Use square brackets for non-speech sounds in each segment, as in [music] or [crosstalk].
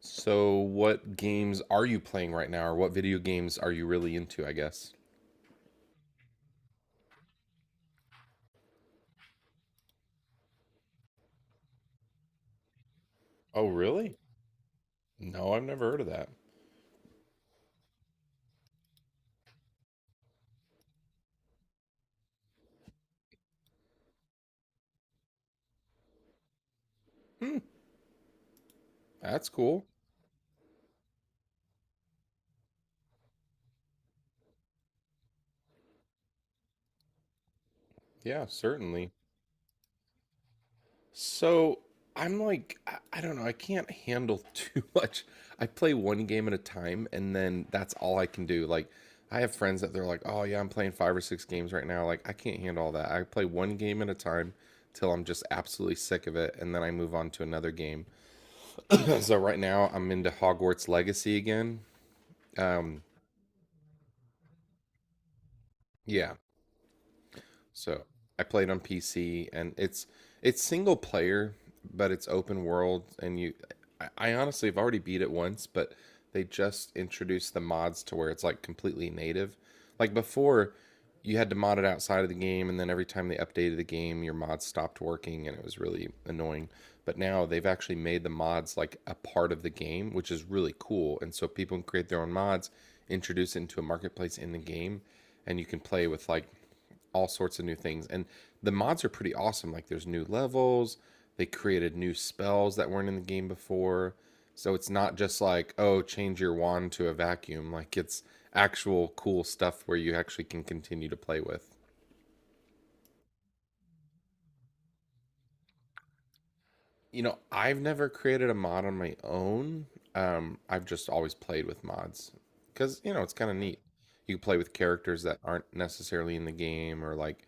So, what games are you playing right now, or what video games are you really into, I guess? Oh, really? No, I've never heard of that. That's cool. Yeah, certainly. So, I don't know, I can't handle [laughs] too much. I play one game at a time, and then that's all I can do. Like, I have friends that they're like, oh, yeah, I'm playing five or six games right now. Like, I can't handle all that. I play one game at a time till I'm just absolutely sick of it, and then I move on to another game. [laughs] [clears throat] So, right now, I'm into Hogwarts Legacy again. Yeah. So I played on PC, and it's single player, but it's open world, and you. I honestly have already beat it once, but they just introduced the mods to where it's like completely native. Like before, you had to mod it outside of the game, and then every time they updated the game, your mod stopped working, and it was really annoying. But now they've actually made the mods like a part of the game, which is really cool. And so people can create their own mods, introduce it into a marketplace in the game, and you can play with like all sorts of new things. And the mods are pretty awesome. Like there's new levels, they created new spells that weren't in the game before. So it's not just like, oh, change your wand to a vacuum. Like it's actual cool stuff where you actually can continue to play with. You know, I've never created a mod on my own. I've just always played with mods because, you know, it's kind of neat. You can play with characters that aren't necessarily in the game or like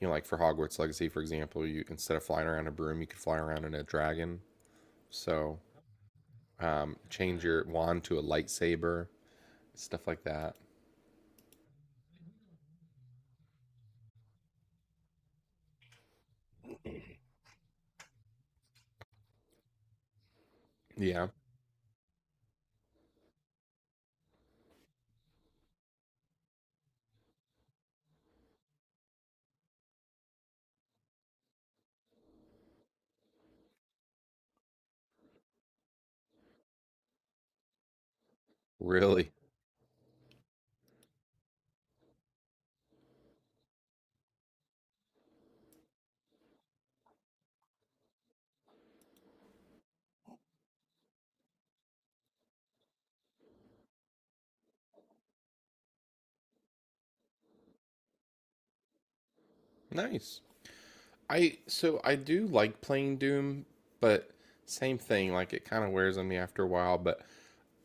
you know, like for Hogwarts Legacy, for example, you instead of flying around a broom, you could fly around in a dragon. So change your wand to a lightsaber, stuff like that. Yeah, really nice. I so I do like playing Doom, but same thing. Like it kind of wears on me after a while. But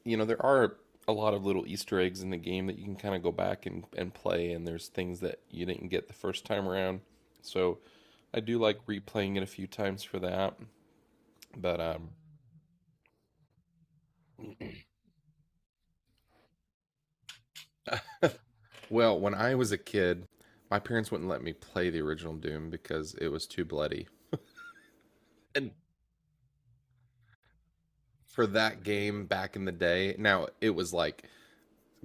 you know, there are a lot of little Easter eggs in the game that you can kind of go back and play. And there's things that you didn't get the first time around. So I do like replaying it a few times for that. But Well, when I was a kid, my parents wouldn't let me play the original Doom because it was too bloody. And for that game back in the day, now it was like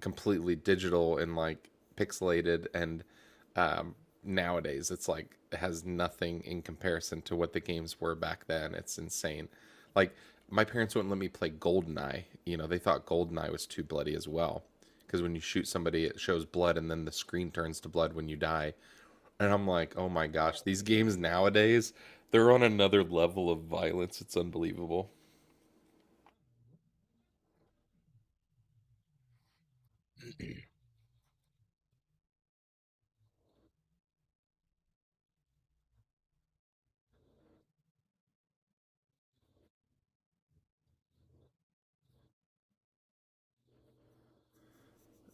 completely digital and like pixelated and um nowadays it's like it has nothing in comparison to what the games were back then. It's insane. Like my parents wouldn't let me play Goldeneye. You know, they thought Goldeneye was too bloody as well because when you shoot somebody it shows blood and then the screen turns to blood when you die. And I'm like, oh my gosh, these games nowadays, they're on another level of violence. It's unbelievable.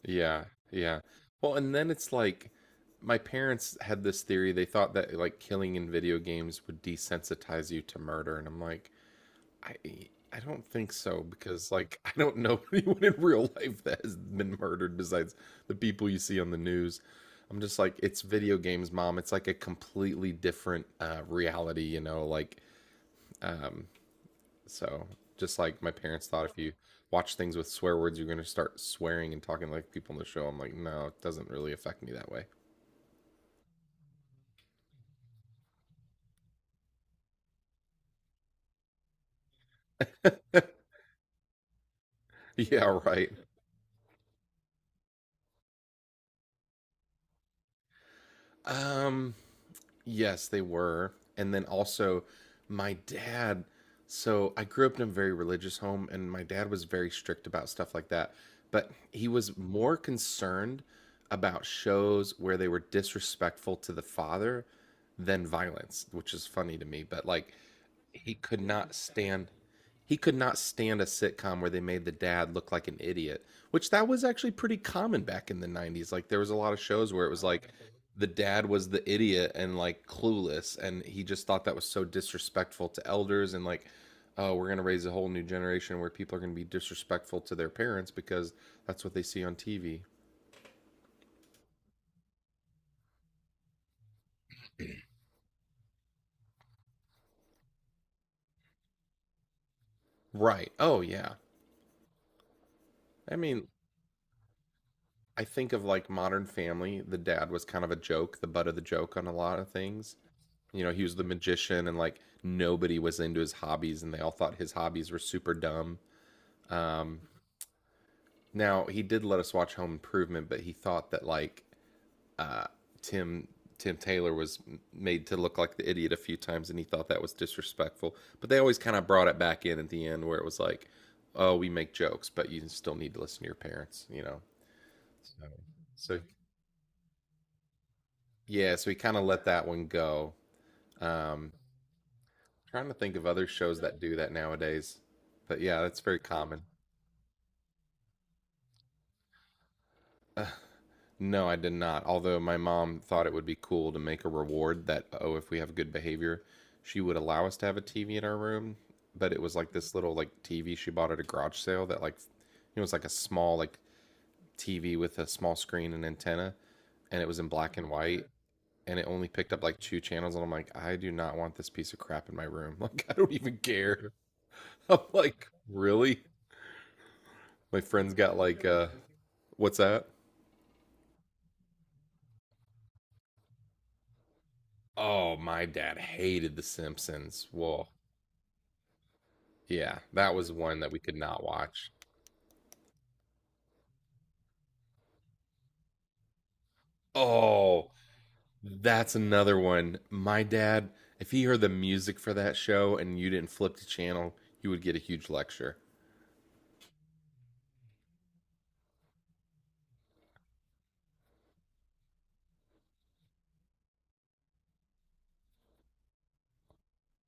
Yeah, yeah. Well, and then it's like my parents had this theory. They thought that like killing in video games would desensitize you to murder. And I'm like, I I don't think so because like [laughs] I don't know [laughs] anyone in real life that has been murdered besides the people you see on the news. I'm just like, it's video games, mom. It's like a completely different reality, you know, like um, so just like my parents thought, if you watch things with swear words, you're going to start swearing and talking like people on the show. I'm like, no, it doesn't really affect me that way. [laughs] Yeah, right. Um, Yes, they were. And then also, my dad. So I grew up in a very religious home, and my dad was very strict about stuff like that. But he was more concerned about shows where they were disrespectful to the father than violence, which is funny to me. But like, he could not stand. He could not stand a sitcom where they made the dad look like an idiot, which that was actually pretty common back in the 90s. Like there was a lot of shows where it was like the dad was the idiot and like clueless and he just thought that was so disrespectful to elders and like oh we're going to raise a whole new generation where people are going to be disrespectful to their parents because that's what they see on TV. Right. Oh yeah. I mean, I think of like Modern Family, the dad was kind of a joke, the butt of the joke on a lot of things. You know, he was the magician and like nobody was into his hobbies and they all thought his hobbies were super dumb. Now, he did let us watch Home Improvement, but he thought that like Tim Tim Taylor was made to look like the idiot a few times, and he thought that was disrespectful. But they always kind of brought it back in at the end, where it was like, "Oh, we make jokes, but you still need to listen to your parents," you know. So, so yeah, so he kind of let that one go. Um, Trying to think of other shows that do that nowadays, but yeah, that's very common. No, I did not. Although my mom thought it would be cool to make a reward that, oh, if we have good behavior, she would allow us to have a TV in our room. But it was like this little like TV she bought at a garage sale that like it was like a small like TV with a small screen and antenna, and it was in black and white, and it only picked up like two channels. And I'm like, I do not want this piece of crap in my room. [laughs] Like I don't even care. [laughs] I'm like, really? My friends got like, what's that? Oh, my dad hated The Simpsons. Whoa, yeah, that was one that we could not watch. Oh, that's another one. My dad, if he heard the music for that show and you didn't flip the channel, you would get a huge lecture.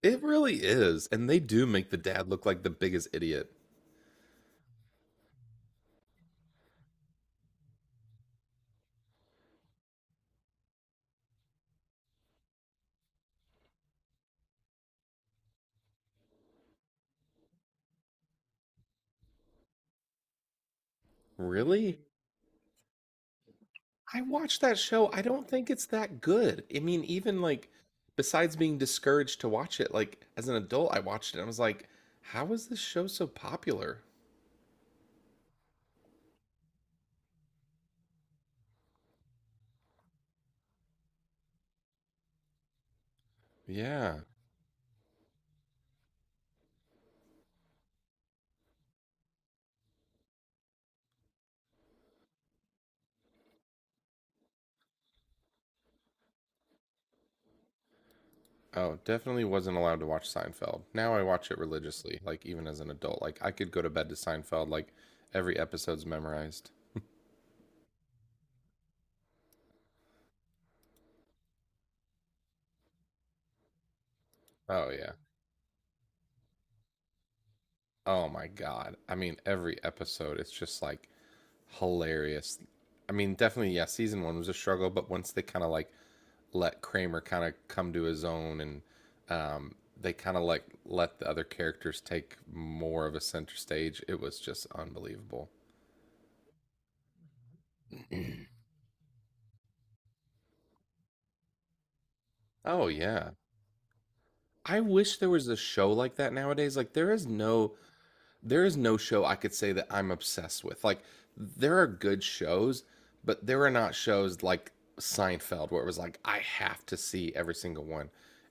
It really is. And they do make the dad look like the biggest idiot. Really? I watched that show. I don't think it's that good. I mean, even like, besides being discouraged to watch it, like as an adult, I watched it and I was like, how is this show so popular? Yeah. Oh, definitely wasn't allowed to watch Seinfeld. Now I watch it religiously, like even as an adult. Like I could go to bed to Seinfeld, like every episode's memorized. Oh yeah. Oh my God. I mean, every episode, it's just like hilarious. I mean, definitely, yeah, season one was a struggle, but once they kind of like let Kramer kind of come to his own and um, they kind of like let the other characters take more of a center stage, it was just unbelievable. Oh yeah. I wish there was a show like that nowadays. Like there is no show I could say that I'm obsessed with. Like there are good shows, but there are not shows like Seinfeld where it was like I have to see every single one.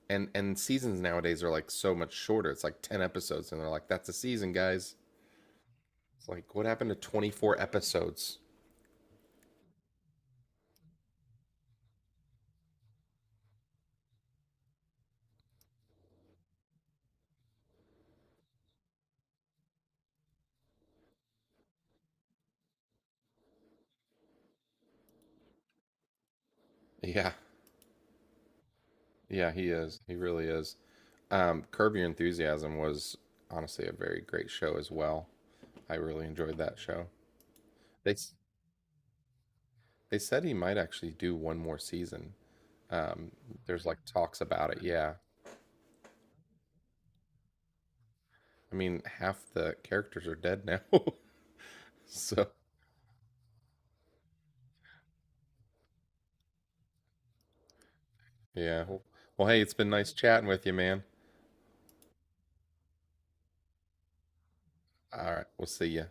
And seasons nowadays are like so much shorter. It's like 10 episodes and they're like that's a season, guys. It's like what happened to 24 episodes? Yeah. Yeah, he is. He really is. Curb Your Enthusiasm was honestly a very great show as well. I really enjoyed that show. They They said he might actually do one more season. Um, there's like talks about it. Yeah. I mean, half the characters are dead now. [laughs] So, yeah. Well, hey, it's been nice chatting with you, man. All right. We'll see you.